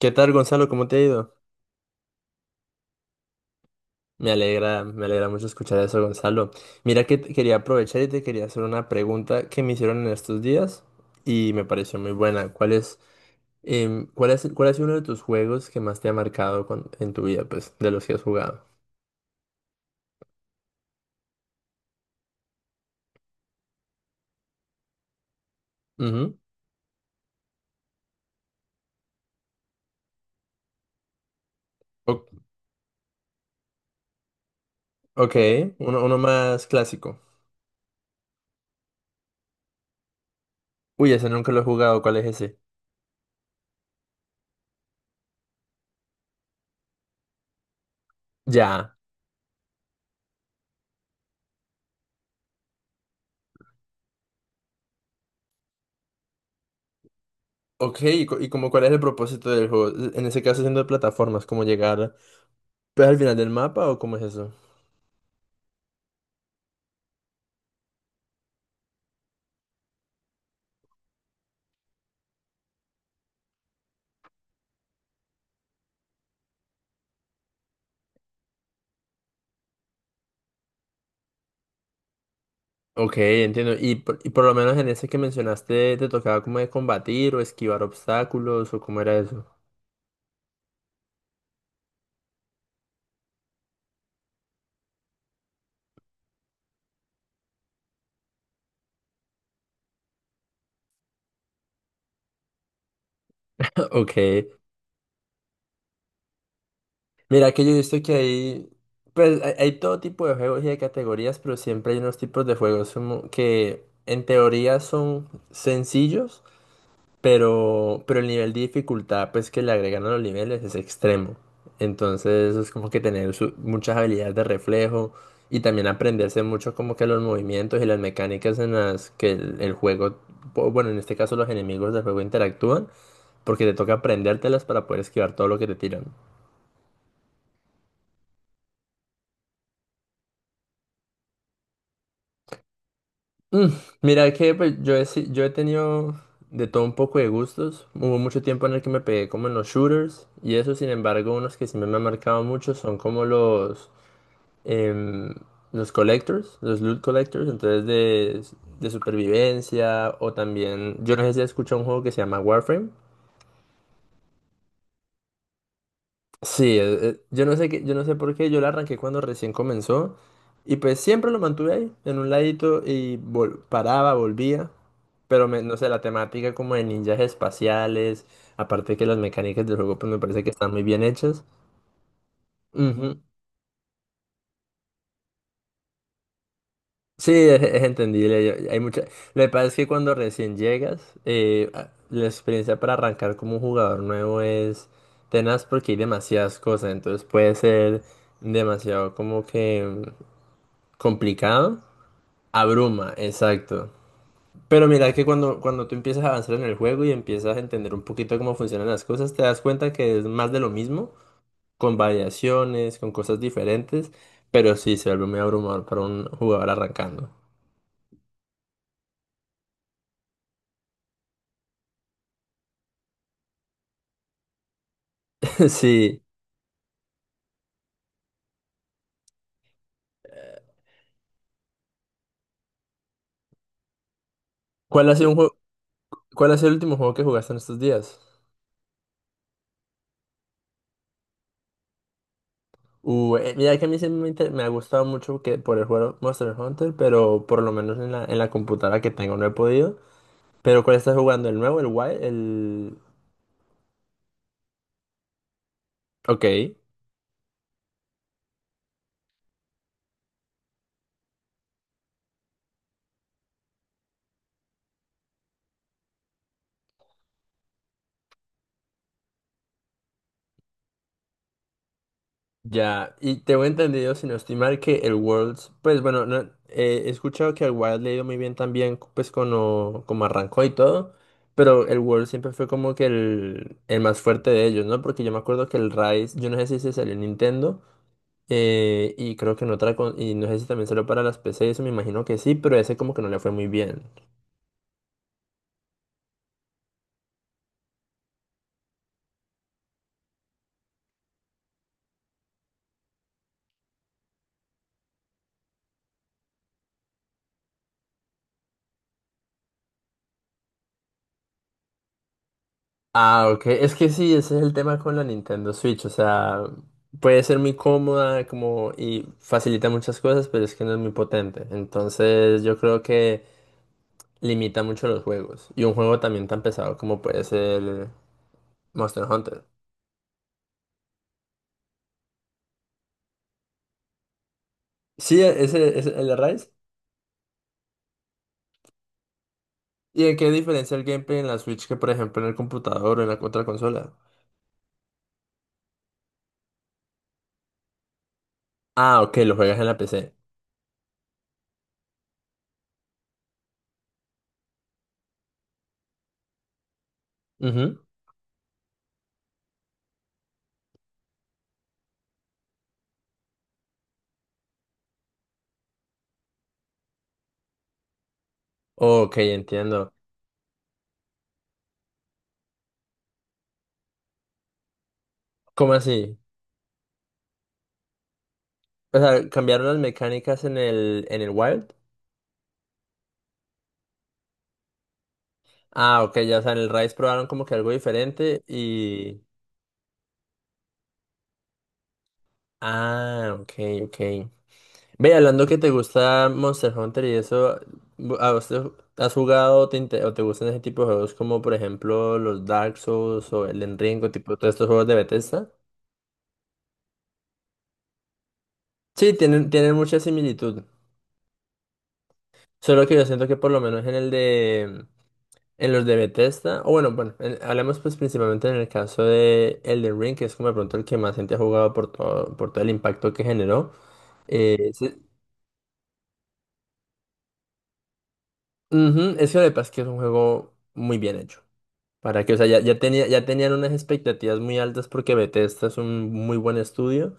¿Qué tal, Gonzalo? ¿Cómo te ha ido? Me alegra mucho escuchar eso, Gonzalo. Mira que te quería aprovechar y te quería hacer una pregunta que me hicieron en estos días y me pareció muy buena. ¿Cuál es, em, cuál es, cuál ha sido uno de tus juegos que más te ha marcado en tu vida, pues, de los que has jugado? Ujú. O- ok, uno más clásico. Uy, ese nunca lo he jugado, ¿cuál es ese? Ya. Ok, co- y ¿como cuál es el propósito del juego? En ese caso, siendo de plataformas, ¿cómo llegar pues, al final del mapa o cómo es eso? Ok, entiendo. Y por lo menos en ese que mencionaste, ¿te tocaba como de combatir o esquivar obstáculos o cómo era eso? Ok. Mira que yo he visto que hay, Pues hay todo tipo de juegos y de categorías, pero siempre hay unos tipos de juegos como que en teoría son sencillos. Pero el nivel de dificultad, pues, que le agregan a los niveles es extremo. Entonces, es como que tener su- muchas habilidades de reflejo y también aprenderse mucho como que los movimientos y las mecánicas en las que el juego, bu- bueno, en este caso los enemigos del juego interactúan, porque te toca aprendértelas para poder esquivar todo lo que te tiran. Mira que pues, yo he, si- yo he tenido de todo un poco de gustos. Hubo mucho tiempo en el que me pegué como en los shooters y eso, sin embargo, unos que sí me han marcado mucho son como los em, los collectors, los loot collectors, de supervivencia o también, yo no sé si has escuchado un juego que se llama Warframe. Sí, yo no sé qué, yo no sé por qué, yo la arranqué cuando recién comenzó y pues siempre lo mantuve ahí, en un ladito y vol- paraba, volvía, pero me- no sé, la temática como de ninjas espaciales, aparte que las mecánicas del juego pues me parece que están muy bien hechas. Sí, es entendible. Yo- hay mucha... Lo que pasa es que cuando recién llegas, a- la experiencia para arrancar como un jugador nuevo es tenaz porque hay demasiadas cosas. Entonces puede ser demasiado como que complicado. Abruma, exacto. Pero mira que cuando tú empiezas a avanzar en el juego y empiezas a entender un poquito cómo funcionan las cosas, te das cuenta que es más de lo mismo, con variaciones, con cosas diferentes, pero sí se vuelve muy abrumador para un jugador arrancando. Sí. ¿Cuál ha sido un juego? ¿Cuál ha sido el último juego que jugaste en estos días? Mira que a mí siempre me, inter- me ha gustado mucho que por el juego Monster Hunter, pero por lo menos en en la computadora que tengo no he podido. Pero ¿cuál estás jugando? ¿El nuevo? ¿El Wild? El... Ok, ya. Y tengo entendido, si no estoy mal, que el Worlds, pues bueno, no, he escuchado que el Wild le ha ido muy bien también, pues como, como arrancó y todo. Pero el World siempre fue como que el más fuerte de ellos, ¿no? Porque yo me acuerdo que el Rise, yo no sé si se salió en Nintendo. Y creo que en otra, con- y no sé si también salió para las PC, eso me imagino que sí, pero ese como que no le fue muy bien. Ah, ok, es que sí, ese es el tema con la Nintendo Switch, o sea, puede ser muy cómoda como y facilita muchas cosas, pero es que no es muy potente. Entonces yo creo que limita mucho los juegos. Y un juego también tan pesado como puede ser Monster Hunter. Sí, e- ese es el de Rise. ¿Y en qué diferencia el gameplay en la Switch que por ejemplo en el computador o en la otra consola? Ah, ok, lo juegas en la PC. Ok, entiendo. ¿Cómo así? O sea, cambiaron las mecánicas en en el Wild. Ah, ok, ya, o sea, en el Rise probaron como que algo diferente y... Ah, ok, ok. Ve, hablando que te gusta Monster Hunter y eso, bu- ¿a vos te- has jugado inte- o te gustan ese tipo de juegos como por ejemplo los Dark Souls o el Enrico, tipo todos estos juegos de Bethesda? Sí, tienen, tienen mucha similitud. Solo que yo siento que por lo menos en el de en los de Bethesda, o bueno, en- hablemos pues principalmente en el caso de Elden Ring, que es como de pronto el que más gente ha jugado por todo el impacto que generó. Sí, ujú, es que lo que pasa es que es un juego muy bien hecho. Para que, o sea, ya, ya tenía, ya tenían unas expectativas muy altas porque Bethesda es un muy buen estudio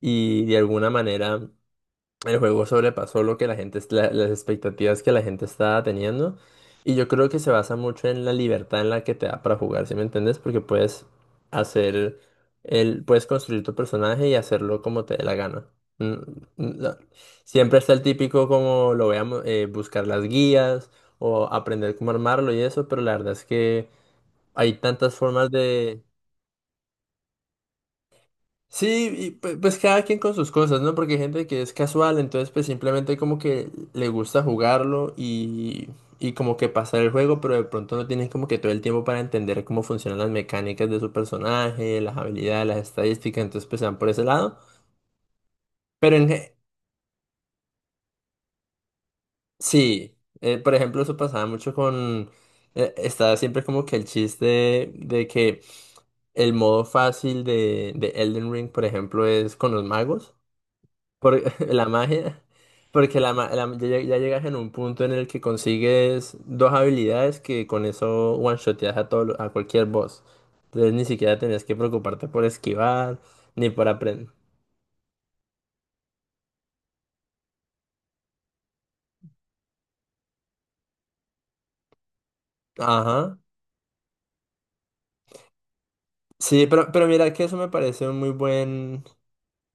y de alguna manera. El juego sobrepasó lo que la gente, es- la- las expectativas que la gente estaba teniendo. Y yo creo que se basa mucho en la libertad en la que te da para jugar, ¿sí me entiendes? Porque puedes hacer el, puedes construir tu personaje y hacerlo como te dé la gana. Mm, la- Siempre está el típico como lo veamos, buscar las guías o aprender cómo armarlo y eso, pero la verdad es que hay tantas formas. Sí, y pu- pues cada quien con sus cosas, ¿no? Porque hay gente que es casual, entonces pues simplemente como que le gusta jugarlo y como que pasar el juego, pero de pronto no tienen como que todo el tiempo para entender cómo funcionan las mecánicas de su personaje, las habilidades, las estadísticas, entonces pues se van por ese lado. Pero en, ge- sí, por ejemplo eso pasaba mucho con, estaba siempre como que el chiste de que el modo fácil de Elden Ring, por ejemplo, es con los magos. Por, la magia, porque la, ma- la- ya, ya llegas en un punto en el que consigues dos habilidades que con eso one-shoteas a cualquier boss. Entonces ni siquiera tenías que preocuparte por esquivar, ni por aprender. Ajá. Sí, pero mira que eso me parece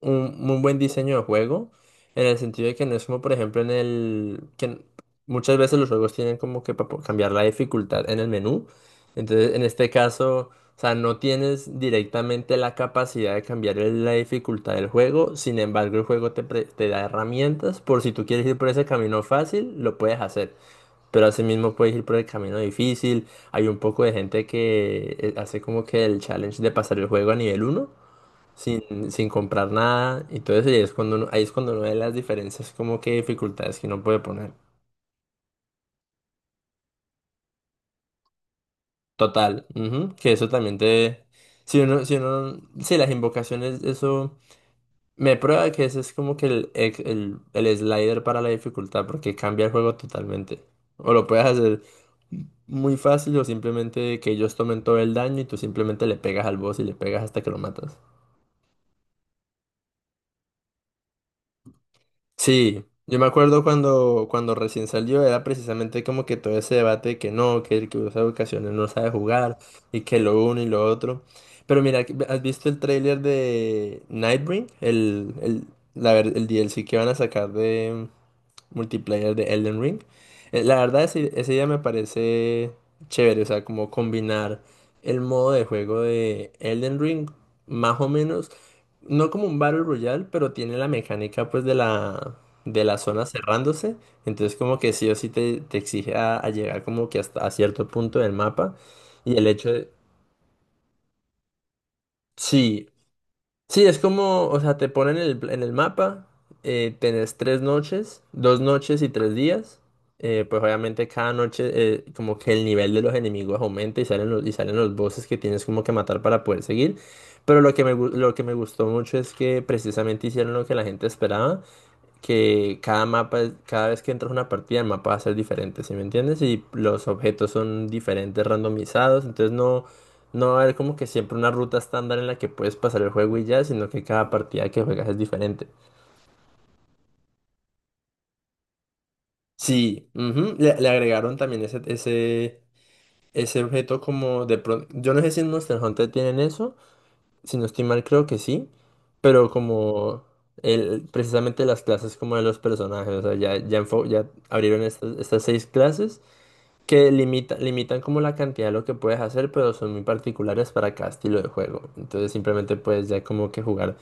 un muy buen diseño de juego, en el sentido de que no es como, por ejemplo, en el que n- muchas veces los juegos tienen como que para cambiar la dificultad en el menú. Entonces, en este caso, o sea, no tienes directamente la capacidad de cambiar el- la dificultad del juego, sin embargo, el juego te, pre- te da herramientas por si tú quieres ir por ese camino fácil, lo puedes hacer. Pero asimismo puedes ir por el camino difícil. Hay un poco de gente que hace como que el challenge de pasar el juego a nivel uno sin, sin comprar nada. Y entonces ahí es cuando ahí es cuando uno ve las diferencias, como que dificultades que uno puede poner. Total, ujú, que eso también te... si las invocaciones, eso me prueba que ese es como que ex- el slider para la dificultad, porque cambia el juego totalmente. O lo puedes hacer muy fácil o simplemente que ellos tomen todo el daño y tú simplemente le pegas al boss y le pegas hasta que lo matas. Sí, yo me acuerdo cuando recién salió, era precisamente como que todo ese debate de que no, que el que usa ocasiones no sabe jugar y que lo uno y lo otro. Pero mira, que- ¿has visto el tráiler de Nightbring? El DLC que van a sacar de multiplayer de Elden Ring. La verdad, ese- esa idea me parece chévere, o sea, como combinar el modo de juego de Elden Ring, más o menos, no como un Battle Royale, pero tiene la mecánica pues de de la zona cerrándose, entonces como que sí o sí te exige a llegar como que hasta a cierto punto del mapa, y el hecho de... Sí, sí, es como, o sea, te ponen el, en el mapa, tenés tres noches, dos noches y tres días. Pues obviamente cada noche como que el nivel de los enemigos aumenta y salen y salen los bosses que tienes como que matar para poder seguir. Pero lo que me, gu- lo que me gustó mucho es que precisamente hicieron lo que la gente esperaba, que cada mapa, es- cada vez que entras a una partida, el mapa va a ser diferente, ¿sí me entiendes? Y los objetos son diferentes, randomizados, entonces no, no va a haber como que siempre una ruta estándar en la que puedes pasar el juego y ya, sino que cada partida que juegas es diferente. Sí, ujú, le agregaron también ese objeto como de pronto, yo no sé si en Monster Hunter tienen eso, si no estoy mal creo que sí, pero como... El, precisamente las clases como de los personajes, o sea, ya, ya, enfo- ya abrieron estas 6 clases que limita, limitan como la cantidad de lo que puedes hacer, pero son muy particulares para cada estilo de juego. Entonces simplemente puedes ya como que jugar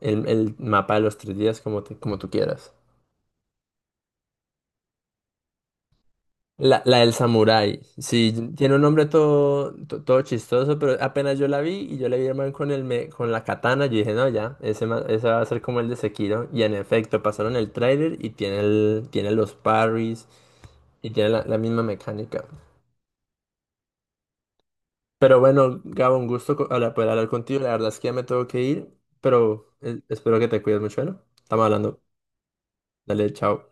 el mapa de los tres días como, te- como tú quieras. La del samurái, sí, tiene un nombre todo, to- todo chistoso, pero apenas yo la vi y yo le vi al man con, el me- con la katana, yo dije, no, ya, ese, ma- ese va a ser como el de Sekiro. Y en efecto, pasaron el trailer y tiene, el, tiene los parries y tiene la la misma mecánica. Pero bueno, Gabo, un gusto co- hablar- poder hablar contigo. La verdad es que ya me tengo que ir, pero espero que te cuides mucho, ¿no? Estamos hablando. Dale, chao.